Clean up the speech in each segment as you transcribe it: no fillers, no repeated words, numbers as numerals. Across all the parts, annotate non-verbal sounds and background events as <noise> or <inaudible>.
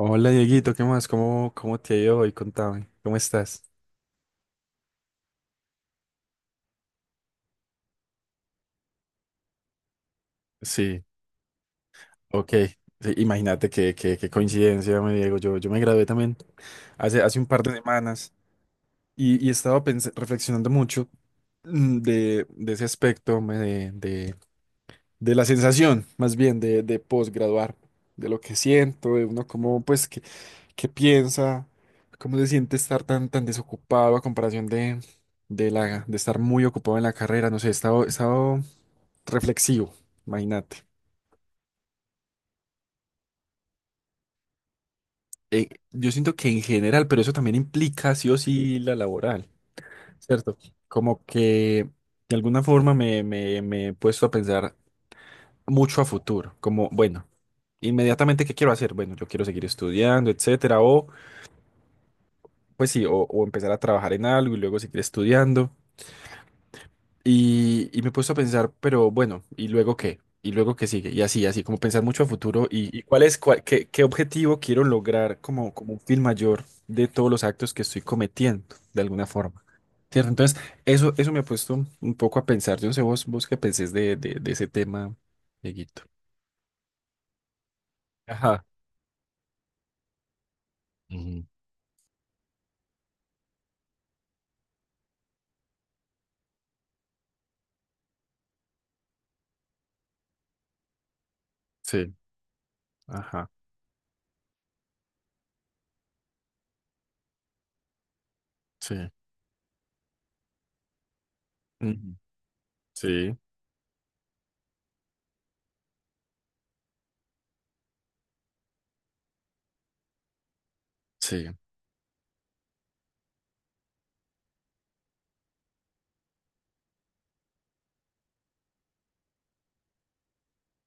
Hola Dieguito, ¿qué más? ¿Cómo te ha ido hoy? Contame, ¿cómo estás? Sí, ok. Sí, imagínate qué coincidencia, me Diego. Yo me gradué también hace un par de semanas y, reflexionando mucho de ese aspecto, de la sensación, más bien, de posgraduar, de lo que siento, de uno cómo, pues, qué, qué piensa, cómo se siente estar tan desocupado a comparación de estar muy ocupado en la carrera. No sé, he estado reflexivo, imagínate. Yo siento que en general, pero eso también implica sí o sí la laboral, ¿cierto? Como que de alguna forma me he puesto a pensar mucho a futuro, como, bueno, inmediatamente, ¿qué quiero hacer? Bueno, yo quiero seguir estudiando, etcétera, o pues sí, o empezar a trabajar en algo y luego seguir estudiando. Y me he puesto a pensar, pero bueno, ¿y luego qué? ¿Y luego qué sigue? Y como pensar mucho a futuro y qué, qué objetivo quiero lograr como, como un fin mayor de todos los actos que estoy cometiendo, de alguna forma. ¿Cierto? Entonces, eso me ha puesto un poco a pensar. Yo no sé vos, vos qué pensés de ese tema, Dieguito. Ajá. Ujú. Sí, ajá, sí. Ujú. Sí, sí,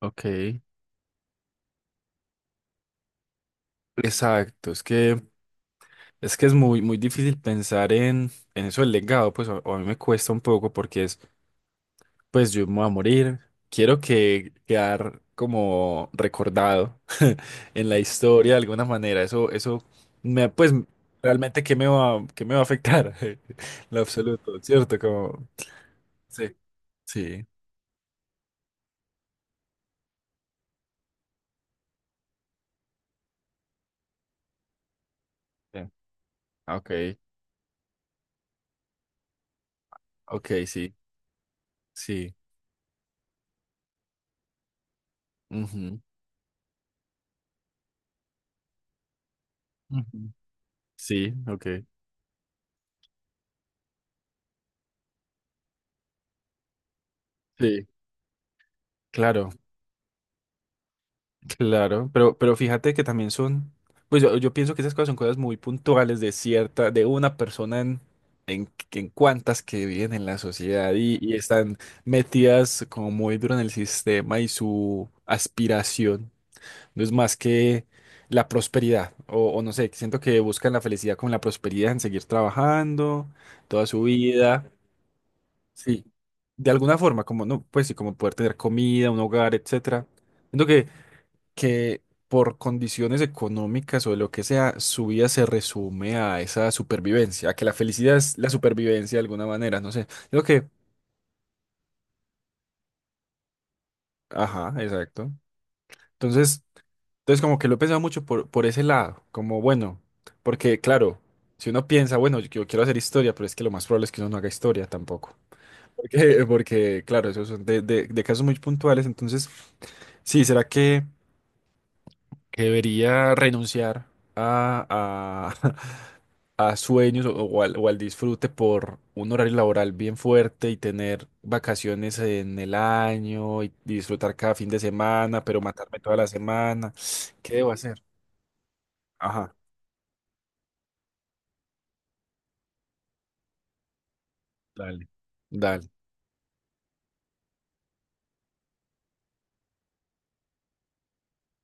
ok. Exacto, es que... Es que es muy difícil pensar en eso del legado, pues a mí me cuesta un poco porque es, pues yo me voy a morir, quiero que quedar como recordado <laughs> en la historia de alguna manera, eso me, pues realmente qué me va a afectar, <laughs> en lo absoluto, ¿cierto? Como, sí, sí, sí, ok, ok, sí, sí, ujú, ujú, sí, ok, sí, claro. Claro, pero fíjate que también son, pues yo pienso que esas cosas son cosas muy puntuales de cierta, de una persona en cuantas que viven en la sociedad y están metidas como muy duro en el sistema y su aspiración no es más que la prosperidad, o no sé, siento que buscan la felicidad con la prosperidad en seguir trabajando toda su vida, sí, de alguna forma, como no, pues sí, como poder tener comida, un hogar, etcétera que por condiciones económicas o de lo que sea, su vida se resume a esa supervivencia, a que la felicidad es la supervivencia de alguna manera, no sé. Creo que, ajá, exacto. Entonces, entonces como que lo he pensado mucho por ese lado, como bueno, porque claro, si uno piensa, bueno, yo quiero hacer historia, pero es que lo más probable es que uno no haga historia tampoco. <laughs> Porque, porque claro, esos son de casos muy puntuales, entonces, sí, ¿será que debería renunciar a, <laughs> a sueños o al disfrute por un horario laboral bien fuerte y tener vacaciones en el año y disfrutar cada fin de semana, pero matarme toda la semana. ¿Qué debo hacer? Ajá, dale, dale.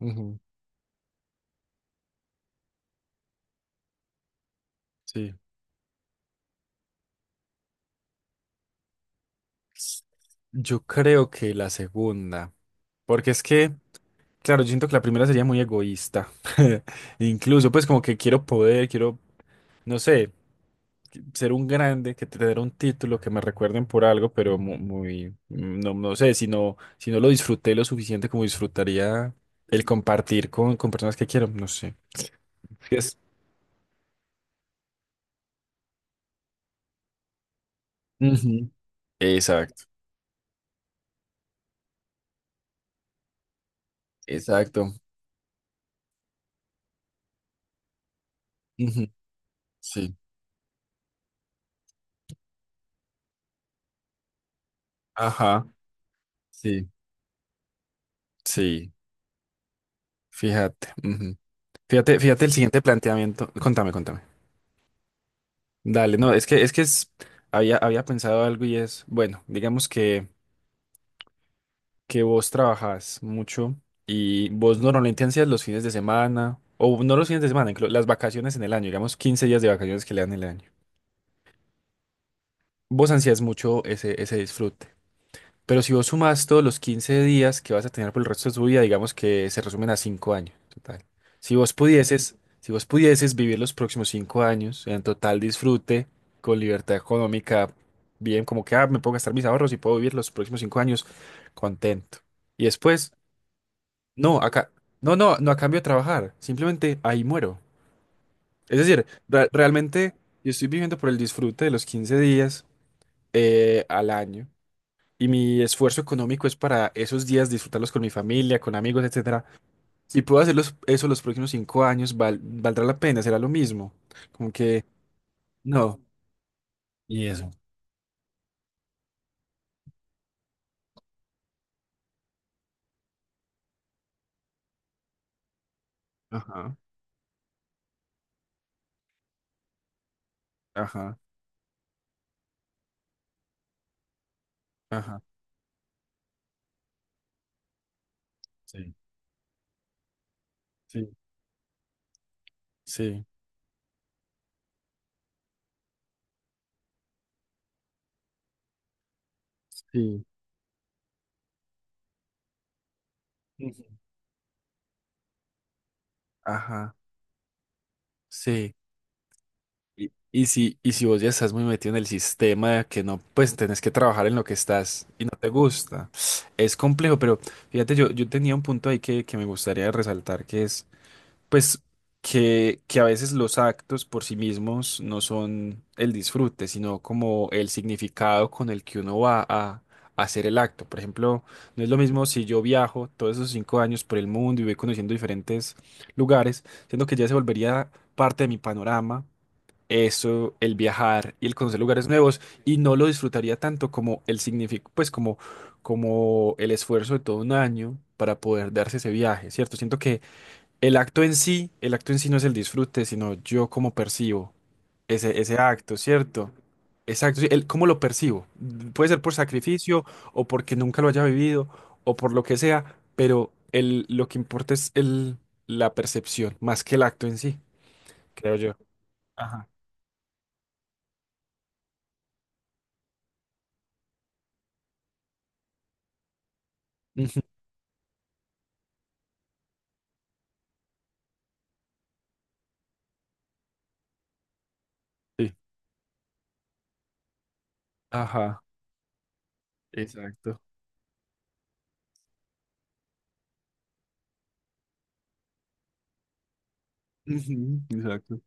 Ujú, sí. Yo creo que la segunda, porque es que, claro, yo siento que la primera sería muy egoísta. <laughs> Incluso, pues como que quiero poder, quiero, no sé. Ser un grande, que tener un título, que me recuerden por algo, pero muy, no, no sé, si no, si no lo disfruté lo suficiente como disfrutaría el compartir con personas que quiero, no sé. Es que es- Ujú. Exacto, exacto. Ujú. Sí, ajá, sí, sí, fíjate. Ujú. Fíjate el siguiente planteamiento. Contame, contame. Dale, no, es que es, había pensado algo y es, bueno, digamos que vos trabajás mucho y vos normalmente ansías los fines de semana, o no los fines de semana, las vacaciones en el año, digamos 15 días de vacaciones que le dan el año. Vos ansías mucho ese disfrute. Pero si vos sumás todos los 15 días que vas a tener por el resto de tu vida, digamos que se resumen a 5 años total. Si vos pudieses, si vos pudieses vivir los próximos 5 años en total disfrute, con libertad económica, bien, como que ah, me puedo gastar mis ahorros y puedo vivir los próximos 5 años contento. Y después No, acá, no a cambio de trabajar, simplemente ahí muero. Es decir, realmente yo estoy viviendo por el disfrute de los 15 días al año y mi esfuerzo económico es para esos días disfrutarlos con mi familia, con amigos, etcétera. Si puedo hacer los- eso los próximos cinco años, valdrá la pena, será lo mismo. Como que, no. Y eso. Ajá, ajá, ajá, Sí. sí, sí, sí, Ujú. Ajá, sí. Y si vos ya estás muy metido en el sistema de que no, pues tenés que trabajar en lo que estás y no te gusta. Es complejo, pero fíjate, yo tenía un punto ahí que me gustaría resaltar, que es, pues, que a veces los actos por sí mismos no son el disfrute, sino como el significado con el que uno va a hacer el acto. Por ejemplo, no es lo mismo si yo viajo todos esos cinco años por el mundo y voy conociendo diferentes lugares, siendo que ya se volvería parte de mi panorama eso, el viajar y el conocer lugares nuevos, y no lo disfrutaría tanto como el significado, pues como, como el esfuerzo de todo un año para poder darse ese viaje, ¿cierto? Siento que el acto en sí, el acto en sí no es el disfrute, sino yo cómo percibo ese acto, ¿cierto? Exacto, sí, el cómo lo percibo. Puede ser por sacrificio o porque nunca lo haya vivido o por lo que sea, pero el, lo que importa es el, la percepción más que el acto en sí, creo yo. Ajá. Ujú, sí. Ajá, exacto. <laughs> Ujú, Exacto.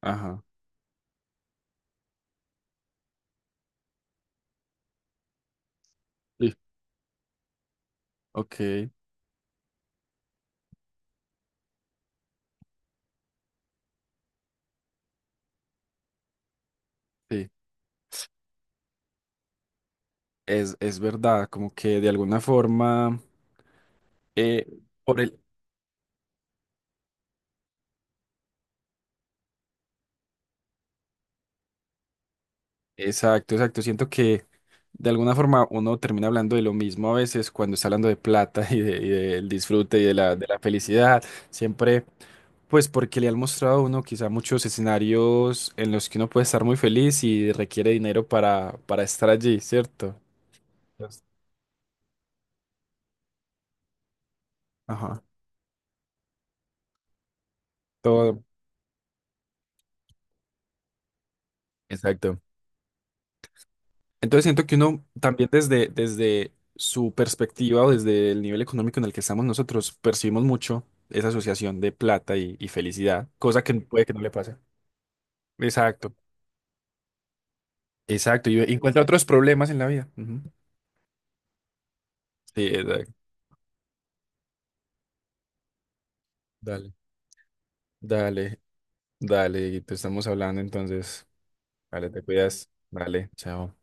Ajá. Sí, ok, sí. Es verdad, como que de alguna forma, eh, por el... Exacto, exacto. Siento que de alguna forma uno termina hablando de lo mismo a veces cuando está hablando de plata <laughs> y, y del disfrute y de la felicidad. Siempre, pues porque le han mostrado a uno quizá muchos escenarios en los que uno puede estar muy feliz y requiere dinero para estar allí, ¿cierto? Entonces, Ajá. Todo. Exacto. Entonces siento que uno también desde su perspectiva o desde el nivel económico en el que estamos nosotros percibimos mucho esa asociación de plata y felicidad, cosa que puede que no le pase. Exacto, exacto. Y encuentra otros problemas en la vida. Ujú. Sí, exacto. Dale, dale, dale. Te estamos hablando entonces. Vale, te cuidas. Dale, chao.